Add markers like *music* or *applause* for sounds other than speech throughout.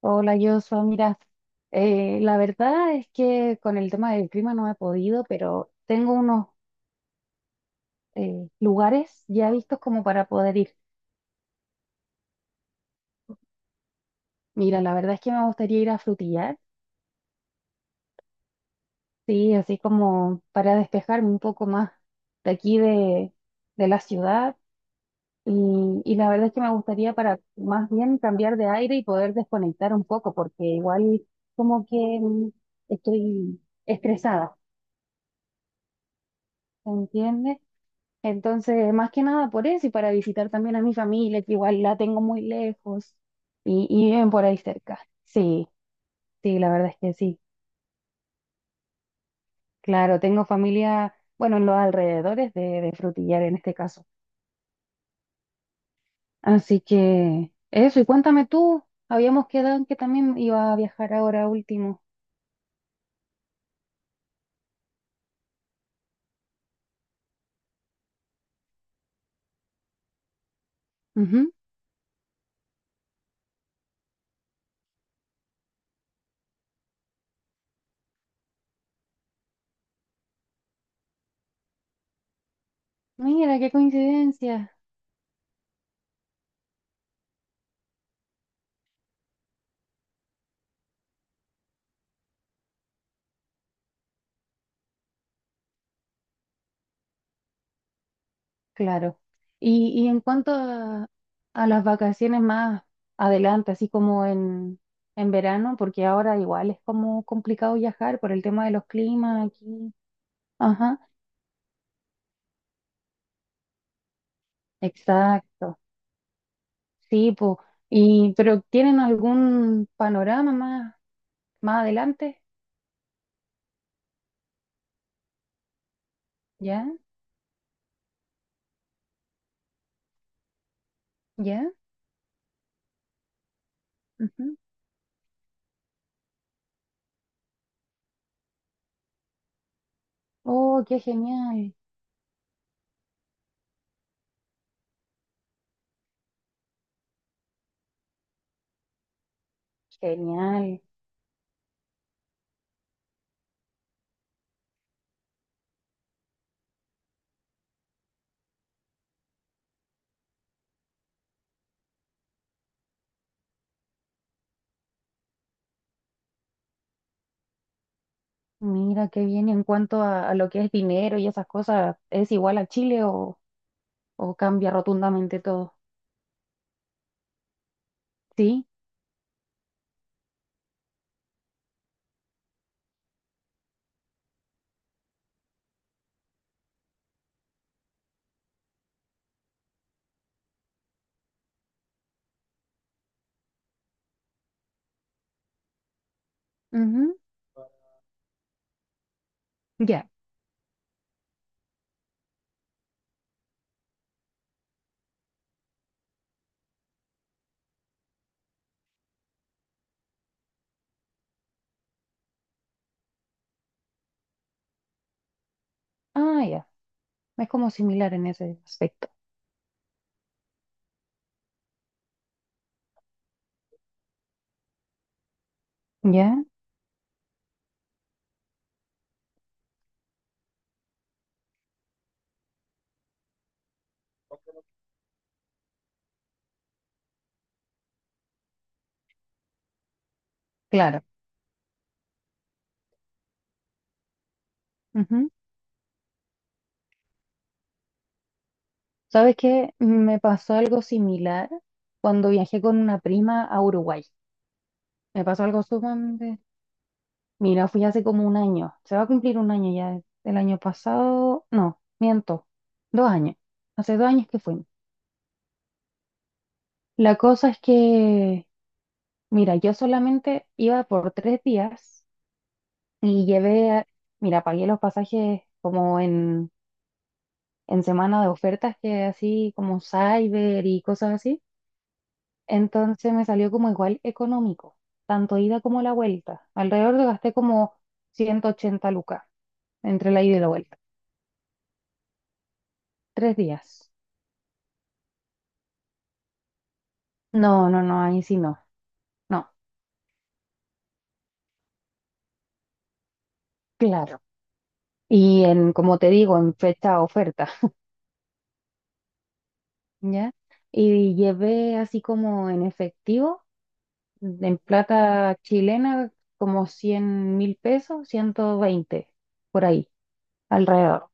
Hola, Joshua. Mira, la verdad es que con el tema del clima no he podido, pero tengo unos lugares ya vistos como para poder ir. Mira, la verdad es que me gustaría ir a Frutillar, sí, así como para despejarme un poco más de aquí de la ciudad. Y la verdad es que me gustaría para más bien cambiar de aire y poder desconectar un poco, porque igual como que estoy estresada, ¿se entiende? Entonces, más que nada por eso y para visitar también a mi familia, que igual la tengo muy lejos y viven por ahí cerca. Sí, sí, la verdad es que sí. Claro, tengo familia, bueno, en los alrededores de Frutillar en este caso. Así que eso, y cuéntame tú, habíamos quedado en que también iba a viajar ahora último. Ujú. Mira, qué coincidencia. Claro. Y en cuanto a las vacaciones más adelante, así como en verano, porque ahora igual es como complicado viajar por el tema de los climas aquí. Ajá, exacto. Sí, pues. Y, pero ¿tienen algún panorama más adelante? ¿Ya? ¿Ya? Ujú. Oh, qué genial. Genial. Mira, qué bien. Y en cuanto a lo que es dinero y esas cosas, ¿es igual a Chile o cambia rotundamente todo? Sí, ujú, ya. Ah, ya. Es como similar en ese aspecto. Ya, claro. Ujú. ¿Sabes qué? Me pasó algo similar cuando viajé con una prima a Uruguay. Me pasó algo sumamente. Mira, fui hace como un año. Se va a cumplir un año ya. El año pasado. No, miento. 2 años. Hace 2 años que fui. La cosa es que, mira, yo solamente iba por 3 días. y llevé... a- Mira, pagué los pasajes como en semana de ofertas que así como Cyber y cosas así. Entonces me salió como igual económico, tanto ida como la vuelta. Alrededor de gasté como 180 lucas entre la ida y la vuelta. 3 días. No, no, no, ahí sí no. No, claro. Y en, como te digo, en fecha oferta, *laughs* ¿ya? Y llevé así como en efectivo, en plata chilena, como 100.000 pesos, 120 por ahí, alrededor.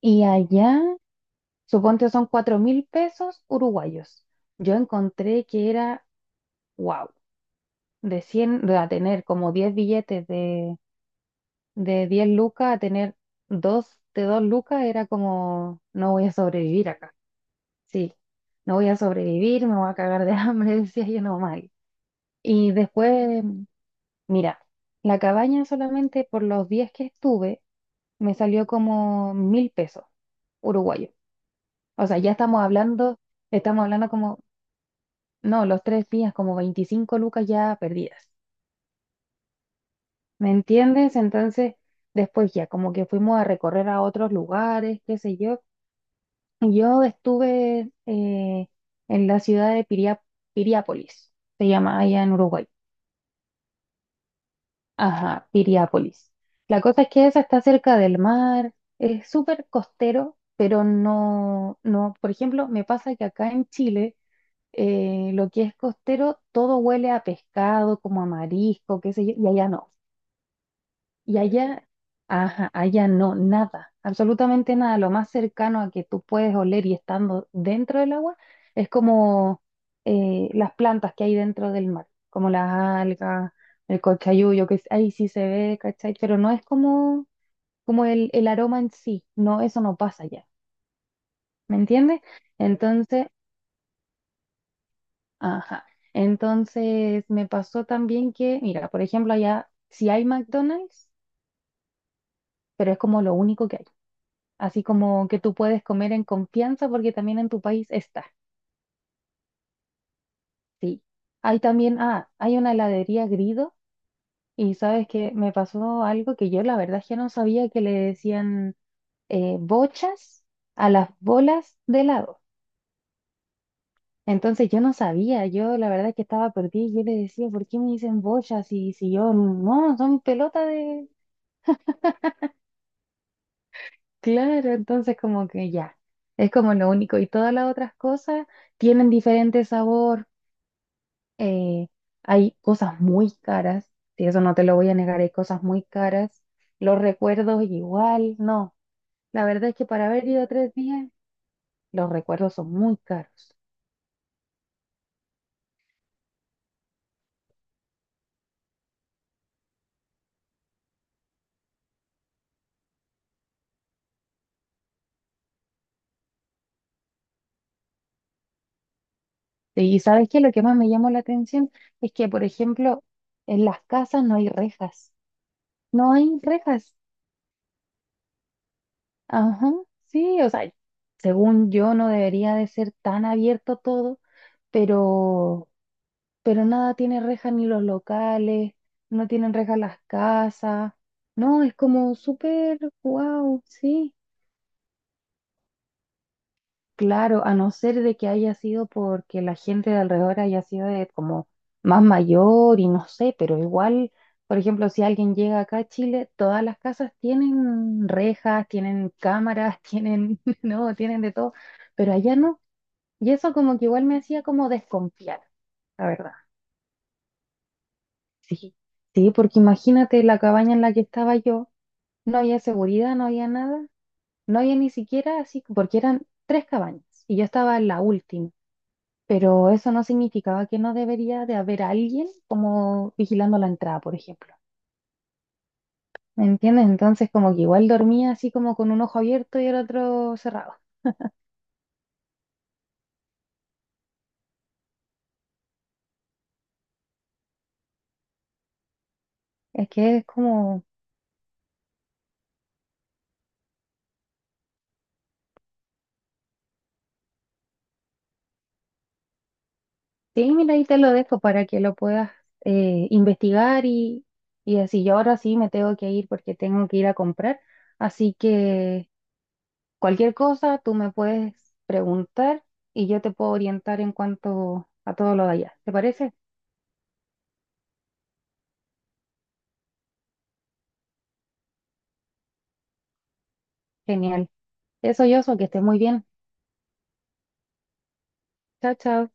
Y allá, suponte son 4.000 pesos uruguayos. Yo encontré que era, wow, de 100 de a tener como 10 billetes de 10 lucas, a tener dos de 2 lucas, era como, no voy a sobrevivir acá. Sí, no voy a sobrevivir, me voy a cagar de hambre, *laughs* decía yo normal. Y después, mira, la cabaña solamente por los días que estuve, me salió como 1.000 pesos uruguayos. O sea, ya estamos hablando como, no, los 3 días, como 25 lucas ya perdidas. ¿Me entiendes? Entonces, después ya, como que fuimos a recorrer a otros lugares, qué sé yo. Y yo estuve en la ciudad de Piriápolis, se llama allá en Uruguay. Ajá, Piriápolis. La cosa es que esa está cerca del mar, es súper costero, pero no, no, por ejemplo, me pasa que acá en Chile lo que es costero, todo huele a pescado, como a marisco, qué sé yo, y allá no. Y allá, ajá, allá no, nada, absolutamente nada. Lo más cercano a que tú puedes oler y estando dentro del agua es como las plantas que hay dentro del mar, como las algas, el cochayuyo, ahí sí se ve, ¿cachai? Pero no es como el aroma en sí, no, eso no pasa allá, ¿me entiendes? Entonces. Ajá. Entonces me pasó también que, mira, por ejemplo, allá sí hay McDonald's, pero es como lo único que hay. Así como que tú puedes comer en confianza porque también en tu país está. Sí. Hay también, ah, hay una heladería Grido y sabes que me pasó algo que yo la verdad es que no sabía que le decían bochas a las bolas de helado. Entonces yo no sabía, yo la verdad es que estaba perdida y yo le decía, ¿por qué me dicen bochas? Y si yo, no, son pelotas de. Claro, entonces como que ya, es como lo único. Y todas las otras cosas tienen diferente sabor. eh, Hay cosas muy caras, y eso no te lo voy a negar, hay cosas muy caras. Los recuerdos igual, no. La verdad es que para haber ido 3 días, los recuerdos son muy caros. Y ¿sabes qué? Lo que más me llamó la atención es que, por ejemplo, en las casas no hay rejas. No hay rejas. Ajá, sí, o sea, según yo no debería de ser tan abierto todo, pero, pero nada tiene rejas ni los locales, no tienen rejas las casas, no, es como súper, wow, sí. Claro, a no ser de que haya sido porque la gente de alrededor haya sido de como más mayor y no sé, pero igual, por ejemplo, si alguien llega acá a Chile, todas las casas tienen rejas, tienen cámaras, tienen, *laughs* no, tienen de todo, pero allá no. Y eso como que igual me hacía como desconfiar, la verdad. Sí, sí, porque imagínate la cabaña en la que estaba yo, no había seguridad, no había nada, no había ni siquiera así, porque eran tres cabañas y yo estaba en la última. Pero eso no significaba que no debería de haber alguien como vigilando la entrada, por ejemplo. ¿Me entiendes? Entonces como que igual dormía así como con un ojo abierto y el otro cerrado. Es que es como, sí, mira, ahí te lo dejo para que lo puedas investigar y así. Yo ahora sí me tengo que ir porque tengo que ir a comprar. Así que cualquier cosa tú me puedes preguntar y yo te puedo orientar en cuanto a todo lo de allá. ¿Te parece? Genial. Eso, yo soy que estés muy bien. Chao, chao.